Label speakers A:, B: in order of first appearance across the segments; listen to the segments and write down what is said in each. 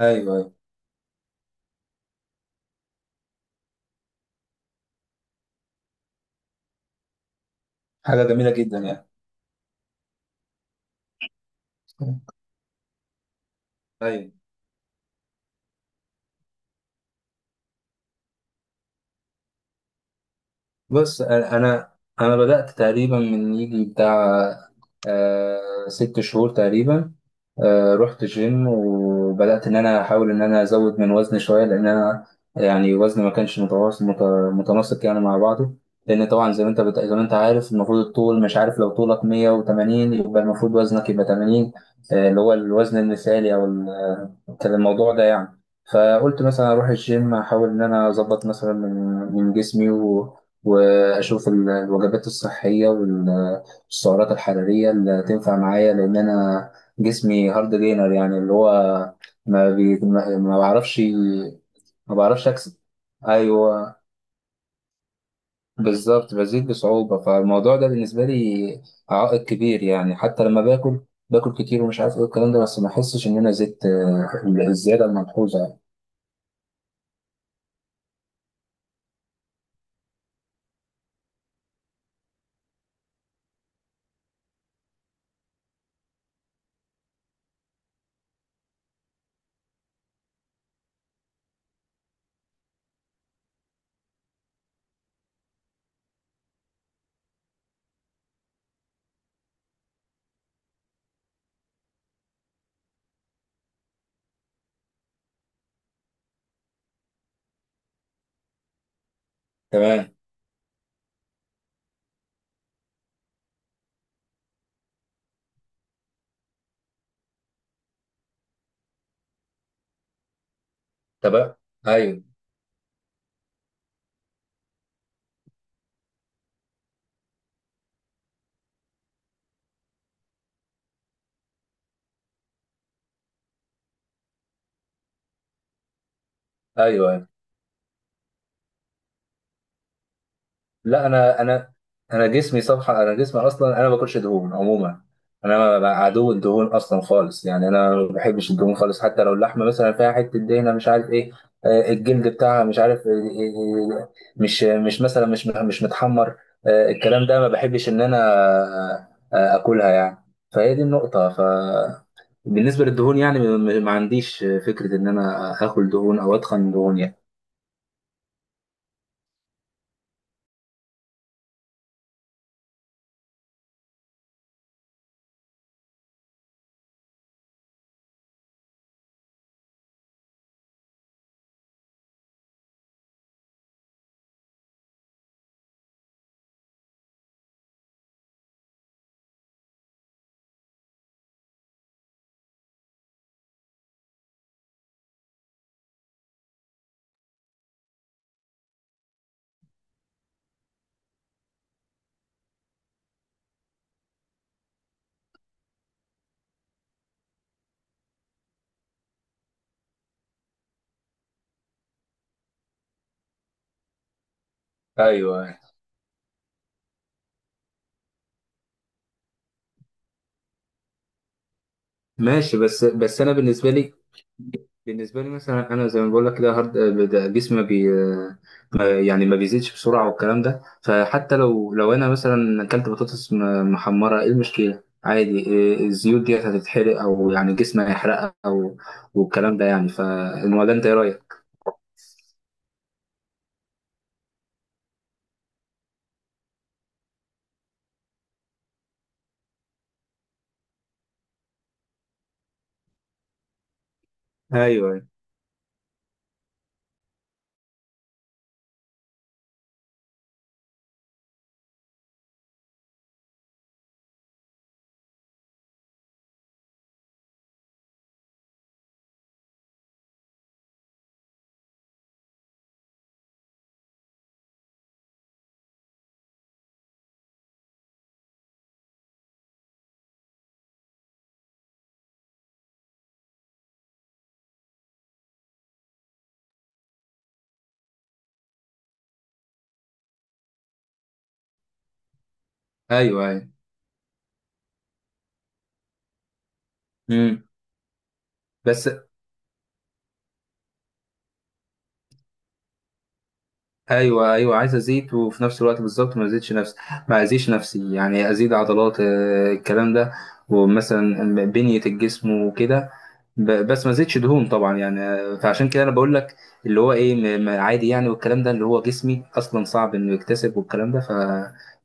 A: ايوه، ايوه. حاجه جميله جدا يعني. ايوه. بص، انا انا أنا بدات تقريبا من يجي بتاع ست شهور تقريبا. رحت جيم وبدأت إن أنا أحاول إن أنا أزود من وزني شوية، لأن أنا يعني وزني ما كانش متواصل، متناسق يعني مع بعضه، لأن طبعا زي ما أنت عارف المفروض الطول، مش عارف، لو طولك 180 يبقى المفروض وزنك يبقى 80، اللي هو الوزن المثالي، أو كان الموضوع ده يعني. فقلت مثلا أروح الجيم، أحاول إن أنا أظبط مثلا من جسمي وأشوف الوجبات الصحية والسعرات الحرارية اللي تنفع معايا، لأن أنا جسمي هارد جينر، يعني اللي هو ما بعرفش، ما بعرفش اكسب. ايوه، بالظبط، بزيد بصعوبة، فالموضوع ده بالنسبة لي عائق كبير، يعني حتى لما باكل، باكل كتير ومش عارف ايه الكلام ده، بس ما احسش ان انا زدت الزيادة الملحوظة. تمام، تمام، ايوه، ايوه، أيوه. لا، انا انا جسمي صفحه، انا جسمي اصلا، انا ما باكلش دهون عموما. انا بقى عدو الدهون اصلا خالص، يعني انا ما بحبش الدهون خالص، حتى لو اللحمه مثلا فيها حته دهنه، مش عارف ايه، الجلد بتاعها، مش عارف، مش مثلا مش متحمر، الكلام ده، ما بحبش ان انا اكلها يعني. فهي دي النقطه. بالنسبه للدهون يعني ما عنديش فكره ان انا اكل دهون او اتخن دهون يعني. ايوه، ماشي. بس انا بالنسبه لي بالنسبة لي مثلا، أنا زي ما بقول لك، كده هارد، ده جسمي بي ما- يعني ما بيزيدش بسرعة والكلام ده، فحتى لو أنا مثلا أكلت بطاطس محمرة، إيه المشكلة؟ عادي، إيه، الزيوت ديت هتتحرق، أو يعني جسمي هيحرقها، أو والكلام ده يعني. فالموضوع، أنت إيه رأيك؟ أيوه، أيوه، أيوه. امم. بس، أيوه، أيوه. عايز أزيد وفي نفس الوقت بالظبط ما أزيدش نفسي يعني أزيد عضلات، الكلام ده، ومثلا بنية الجسم وكده. بس ما زدتش دهون طبعا يعني. فعشان كده انا بقول لك اللي هو ايه، عادي يعني، والكلام ده، اللي هو جسمي اصلا صعب انه يكتسب والكلام ده،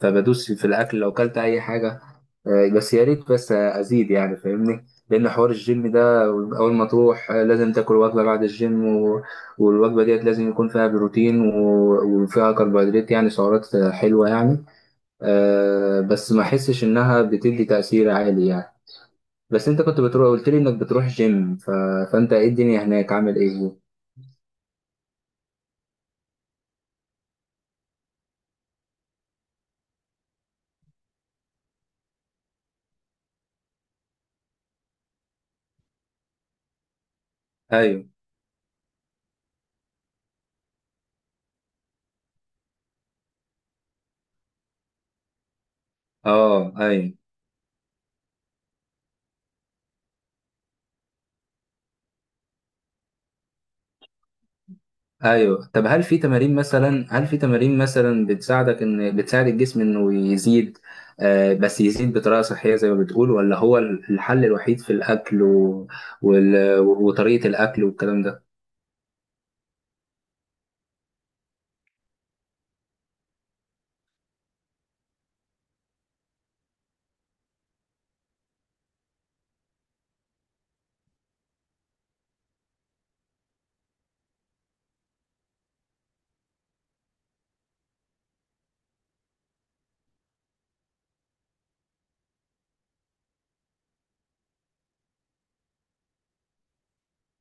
A: فبدوس في الاكل، لو اكلت اي حاجه، بس يا ريت بس ازيد يعني، فاهمني؟ لان حوار الجيم ده، اول ما تروح لازم تاكل وجبه بعد الجيم، والوجبه ديت لازم يكون فيها بروتين وفيها كربوهيدرات، يعني سعرات حلوه يعني. بس ما احسش انها بتدي تاثير عالي يعني. بس انت كنت بتروح، قلت لي انك بتروح جيم، فانت ايه الدنيا هناك، عامل ايه؟ ايوه، اه، ايوه، ايوه. طب هل في تمارين مثلا، بتساعد الجسم انه يزيد، بس يزيد بطريقه صحيه زي ما بتقول، ولا هو الحل الوحيد في الاكل وطريقه الاكل والكلام ده؟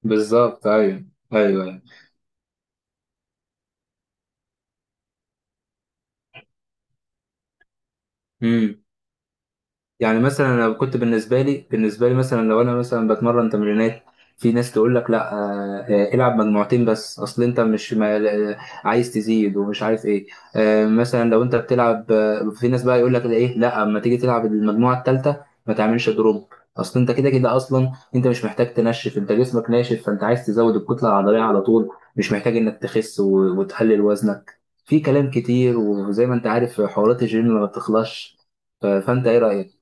A: بالظبط، ايوه، ايوه. يعني مثلا لو كنت بالنسبه لي مثلا، لو انا مثلا بتمرن تمرينات، في ناس تقول لك لا، العب مجموعتين، بس اصل انت مش ما عايز تزيد ومش عارف ايه. مثلا لو انت بتلعب، في ناس بقى يقول لك ايه، لا، اما تيجي تلعب المجموعه الثالثه ما تعملش دروب، اصل انت كده كده اصلا، انت مش محتاج تنشف، انت جسمك ناشف، فانت عايز تزود الكتله العضليه على طول، مش محتاج انك تخس وتقلل وزنك. في كلام كتير، وزي ما انت عارف حوارات الجيم ما بتخلصش، فانت ايه رايك؟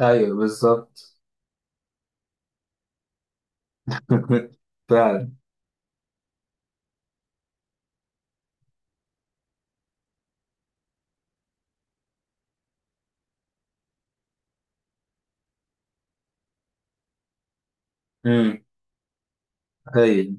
A: ايوه، بالظبط. فعلا. امم. ايوه،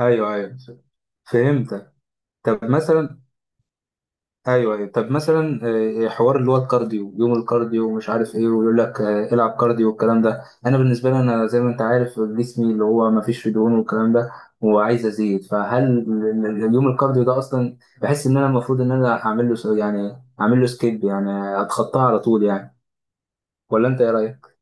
A: ايوه، ايوه، فهمتك. طب مثلا، ايوه، ايوه، طب مثلا، حوار اللي هو الكارديو، يوم الكارديو ومش عارف ايه، ويقول لك العب كارديو والكلام ده، انا بالنسبه لي، زي ما انت عارف جسمي، اللي هو ما فيش فيه دهون والكلام ده، وعايز ازيد، فهل اليوم الكارديو ده اصلا، بحس ان انا المفروض ان انا اعمل له يعني اعمل له سكيب، يعني اتخطاه على طول يعني، ولا انت ايه رايك؟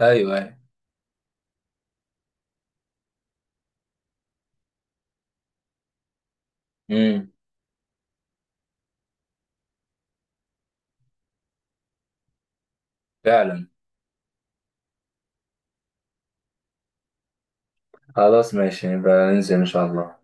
A: ايوه، ايوه. امم. فعلا. خلاص، ماشي، نبقى ننزل إن شاء الله.